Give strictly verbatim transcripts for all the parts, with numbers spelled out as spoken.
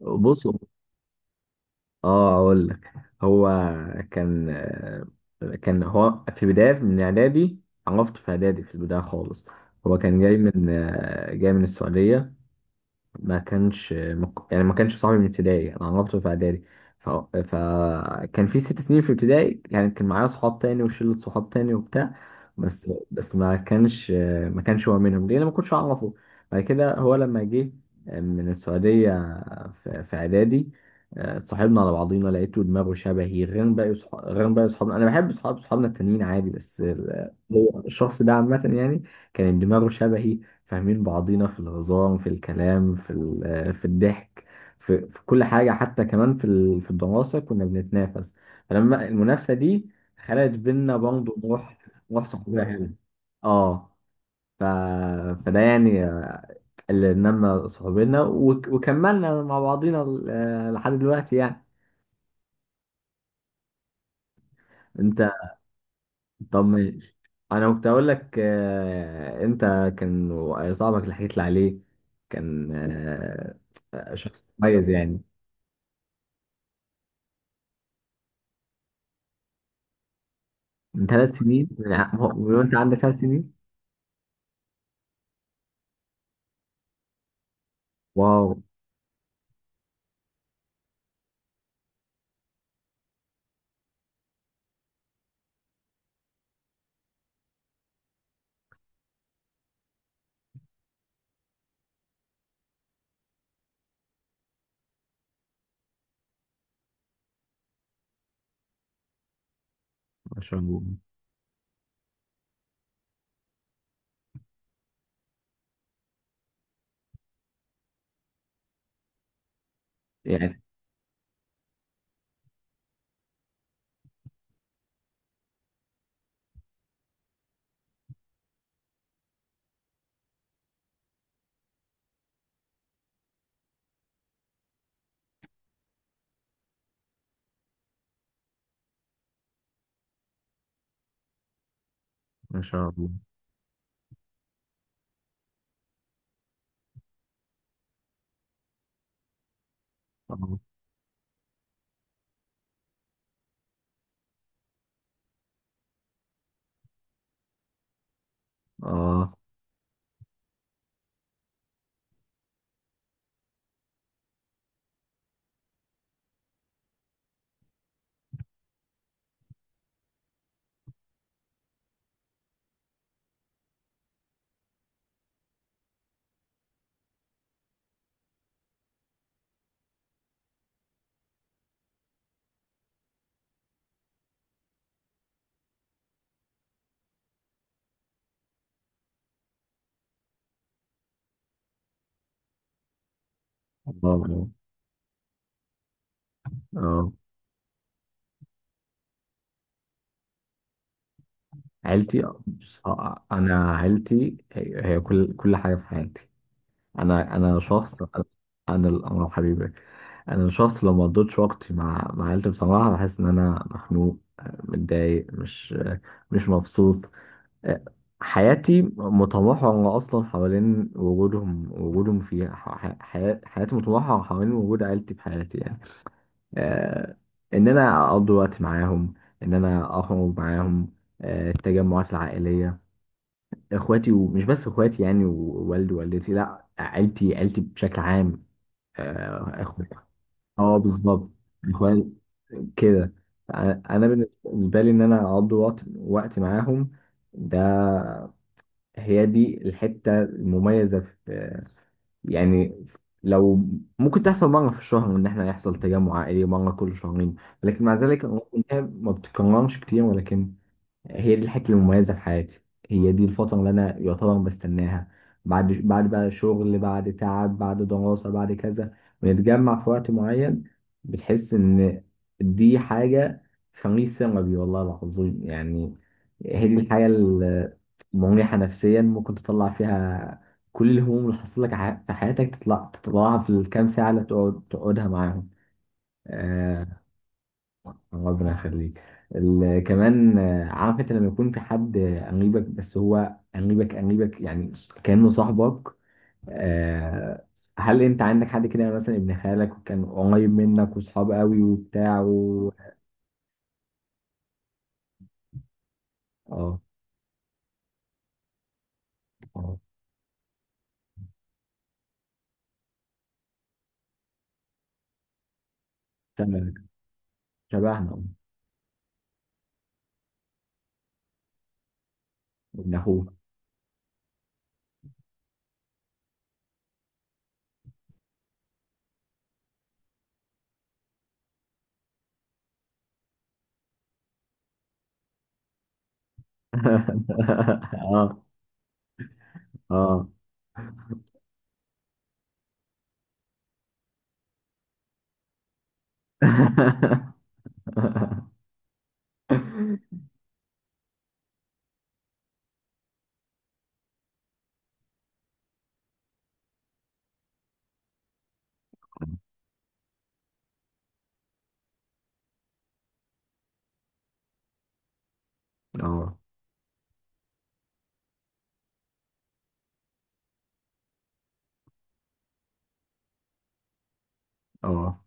بص. اه اقول لك، هو كان كان هو في بدايه من اعدادي. عرفته في اعدادي في البدايه خالص. هو كان جاي من جاي من السعوديه. ما كانش مك... يعني ما كانش صاحبي من ابتدائي، انا عرفته في اعدادي. ف... فكان في ست سنين في ابتدائي، يعني كان معايا صحاب تاني وشلة صحاب تاني وبتاع. بس بس ما كانش ما كانش هو منهم، ليه؟ انا ما كنتش اعرفه. بعد كده هو لما جه من السعودية في في اعدادي، آه، اتصاحبنا على بعضينا. لقيته دماغه شبهي غير باقي صحاب غير باقي صحابنا. انا بحب صحاب صحابنا التانيين عادي، بس ال- هو الشخص ده عامة يعني كان دماغه شبهي. فاهمين بعضينا في الهزار، في الكلام، في ال- في الضحك، في, في كل حاجة، حتى كمان في ال- في الدراسة كنا بنتنافس. فلما المنافسة دي خلقت بينا برضه روح روح صحوبية حلوة. اه. ف... فده يعني اللي نمى صحوبينا، وك... وكملنا مع بعضينا ل- لحد دلوقتي يعني. انت طب، ماشي. انا كنت اقول لك، آه، انت كان صاحبك اللي حكيت لي عليه كان آه، شخص كويس يعني. من ثلاث سنين؟ يعني هو- وانت عندك ثلاث سنين؟ واو. ما شاء الله، يعني ما شاء الله. اه اه. اه اه. عيلتي. بص، آه، آه، انا عيلتي هي هي كل كل حاجه في حياتي. انا انا شخص. انا الامر حبيبي. انا شخص لو ما قضيتش وقتي مع مع عيلتي بصراحه بحس ان انا مخنوق، آه، متضايق، مش آه، مش مبسوط. حياتي متمحورة أصلا حوالين وجودهم. وجودهم في ح- ح- حياة- حياتي متمحورة حوالين وجود عيلتي في حياتي يعني. آه إن أنا أقضي وقت معاهم، إن أنا أخرج معاهم، آه التجمعات العائلية، إخواتي، ومش بس إخواتي يعني، ووالدي ووالدتي. لأ، عيلتي، عيلتي بشكل عام، آه، إخوة. أه، بالظبط، إخوات كده. أنا بالنسبة لي إن أنا أقضي وقت وقت معاهم، ده هي دي الحتة المميزة في، يعني لو ممكن تحصل مرة في الشهر، إن إحنا يحصل تجمع عائلي مرة كل شهرين. لكن مع ذلك الأمور كلها ما بتتكررش كتير، ولكن هي دي الحته المميزه في حياتي، هي دي الفتره اللي انا يعتبر بستناها بعد بعد بقى شغل، بعد تعب، بعد دراسه، بعد كذا. بنتجمع في وقت معين، بتحس ان دي حاجه خميس ربي والله العظيم يعني. هي دي الحاجه المريحه نفسيا ممكن تطلع فيها كل الهموم اللي حصلت لك ع- في حياتك، تطلع تطلعها في الكام ساعه اللي تقعد تقعدها معاهم. آه، ربنا يخليك. ال- كمان، آه، عارف انت لما يكون في حد قريبك، بس هو قريبك قريبك يعني كأنه صاحبك. آه، هل انت عندك حد كده مثلا ابن خالك وكان قريب منك وصحاب قوي وبتاع و...؟ اه اه. شبهك. شبهنا اه. ابن اخوه. اه اه. اه اه،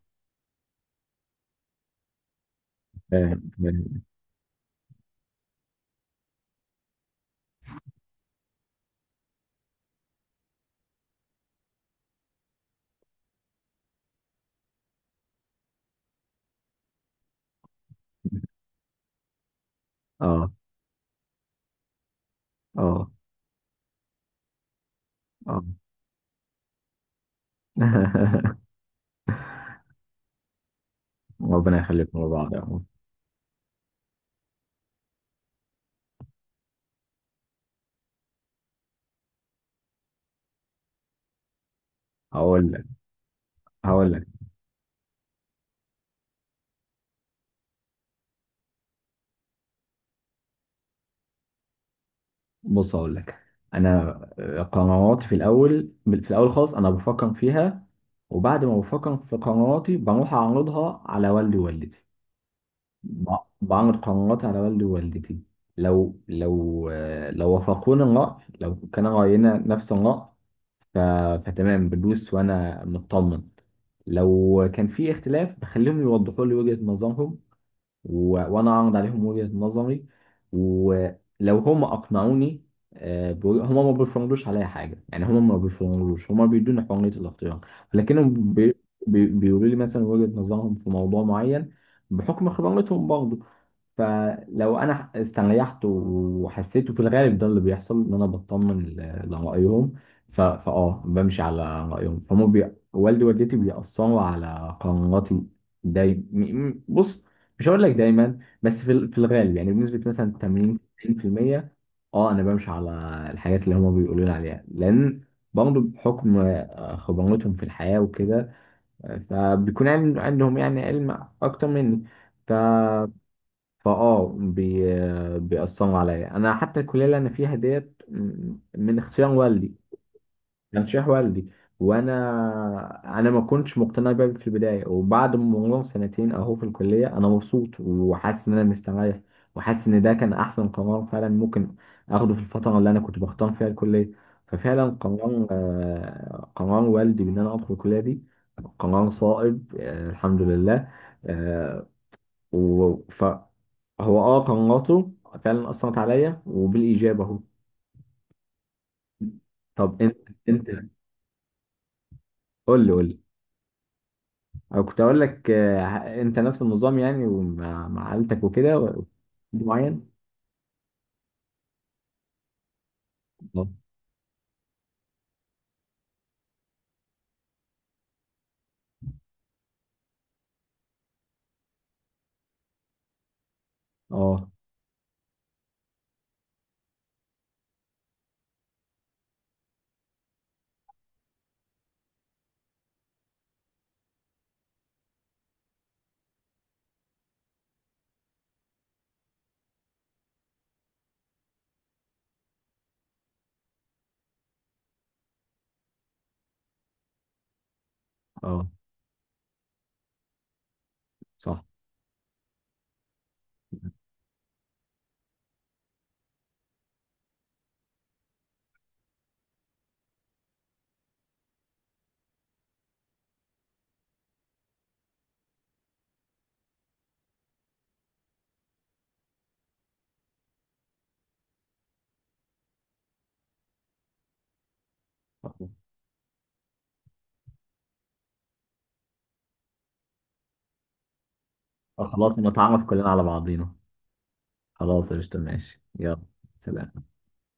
فاهم، فاهم. اه اه اه. ربنا يخليكم لبعض يا رب. هقول لك هقول لك بص، هقول لك. انا قراراتي في الاول في الاول خالص انا بفكر فيها، وبعد ما بفكر في قراراتي بروح اعرضها على والدي ووالدتي. ب- بعرض قراراتي على والدي ووالدتي. لو لو لو وافقوني الرأي، لو كان رأينا نفس الرأي، ف- فتمام بدوس وانا مطمن. لو كان في اختلاف بخليهم يوضحوا لي وجهة نظرهم، و... وانا اعرض عليهم وجهة نظري، ولو هم اقنعوني. آه، ب- هما ما بيفرضوش عليا حاجه، يعني هما ما بيفرضوش، هما بيدوني حريه الاختيار. لكنهم بي... بي... بيقولوا لي مثلا وجهة نظرهم في موضوع معين بحكم خبرتهم برضه. فلو انا استريحت وحسيته، في الغالب ده اللي بيحصل ان انا بطمن ل- لرايهم. ف... فاه بمشي على رايهم. فهم بي... والدي ووالدتي بيأثروا على قراراتي دايما. بص، مش هقول لك دايما، بس في, ال... في الغالب، يعني بنسبه مثلا ثمانين تسعين في المية. اه انا بمشي على الحاجات اللي هم بيقولوا لي عليها، لان برضه بحكم آه، خبرتهم في الحياه وكده، آه، فبيكون عن- عندهم يعني علم اكتر مني. ف فاه بي... بيأثروا عليا. انا حتى الكليه اللي انا فيها ديت م- من اختيار والدي، ترشيح والدي. وانا انا ما كنتش مقتنع بيها في البدايه، وبعد ما مرور سنتين اهو في الكليه انا مبسوط وحاسس ان انا مستريح، وحاسس ان ده كان احسن قرار فعلا ممكن اخده في الفتره اللي انا كنت بختار فيها الكليه. ففعلا قرار، آه، قرار والدي بان انا ادخل الكليه دي قرار صائب، آه، الحمد لله. آه، و... ف هو اه قناته فعلا اثرت عليا وبالايجاب اهو. طب انت انت قول لي قول لي. انا كنت اقول لك آه، انت نفس النظام يعني ومع مع عيلتك وكده و- معين. اه اه آه، صح. آه، خلاص نتعرف كلنا على بعضينا. خلاص، قشطة، ماشي، يلا. سلام.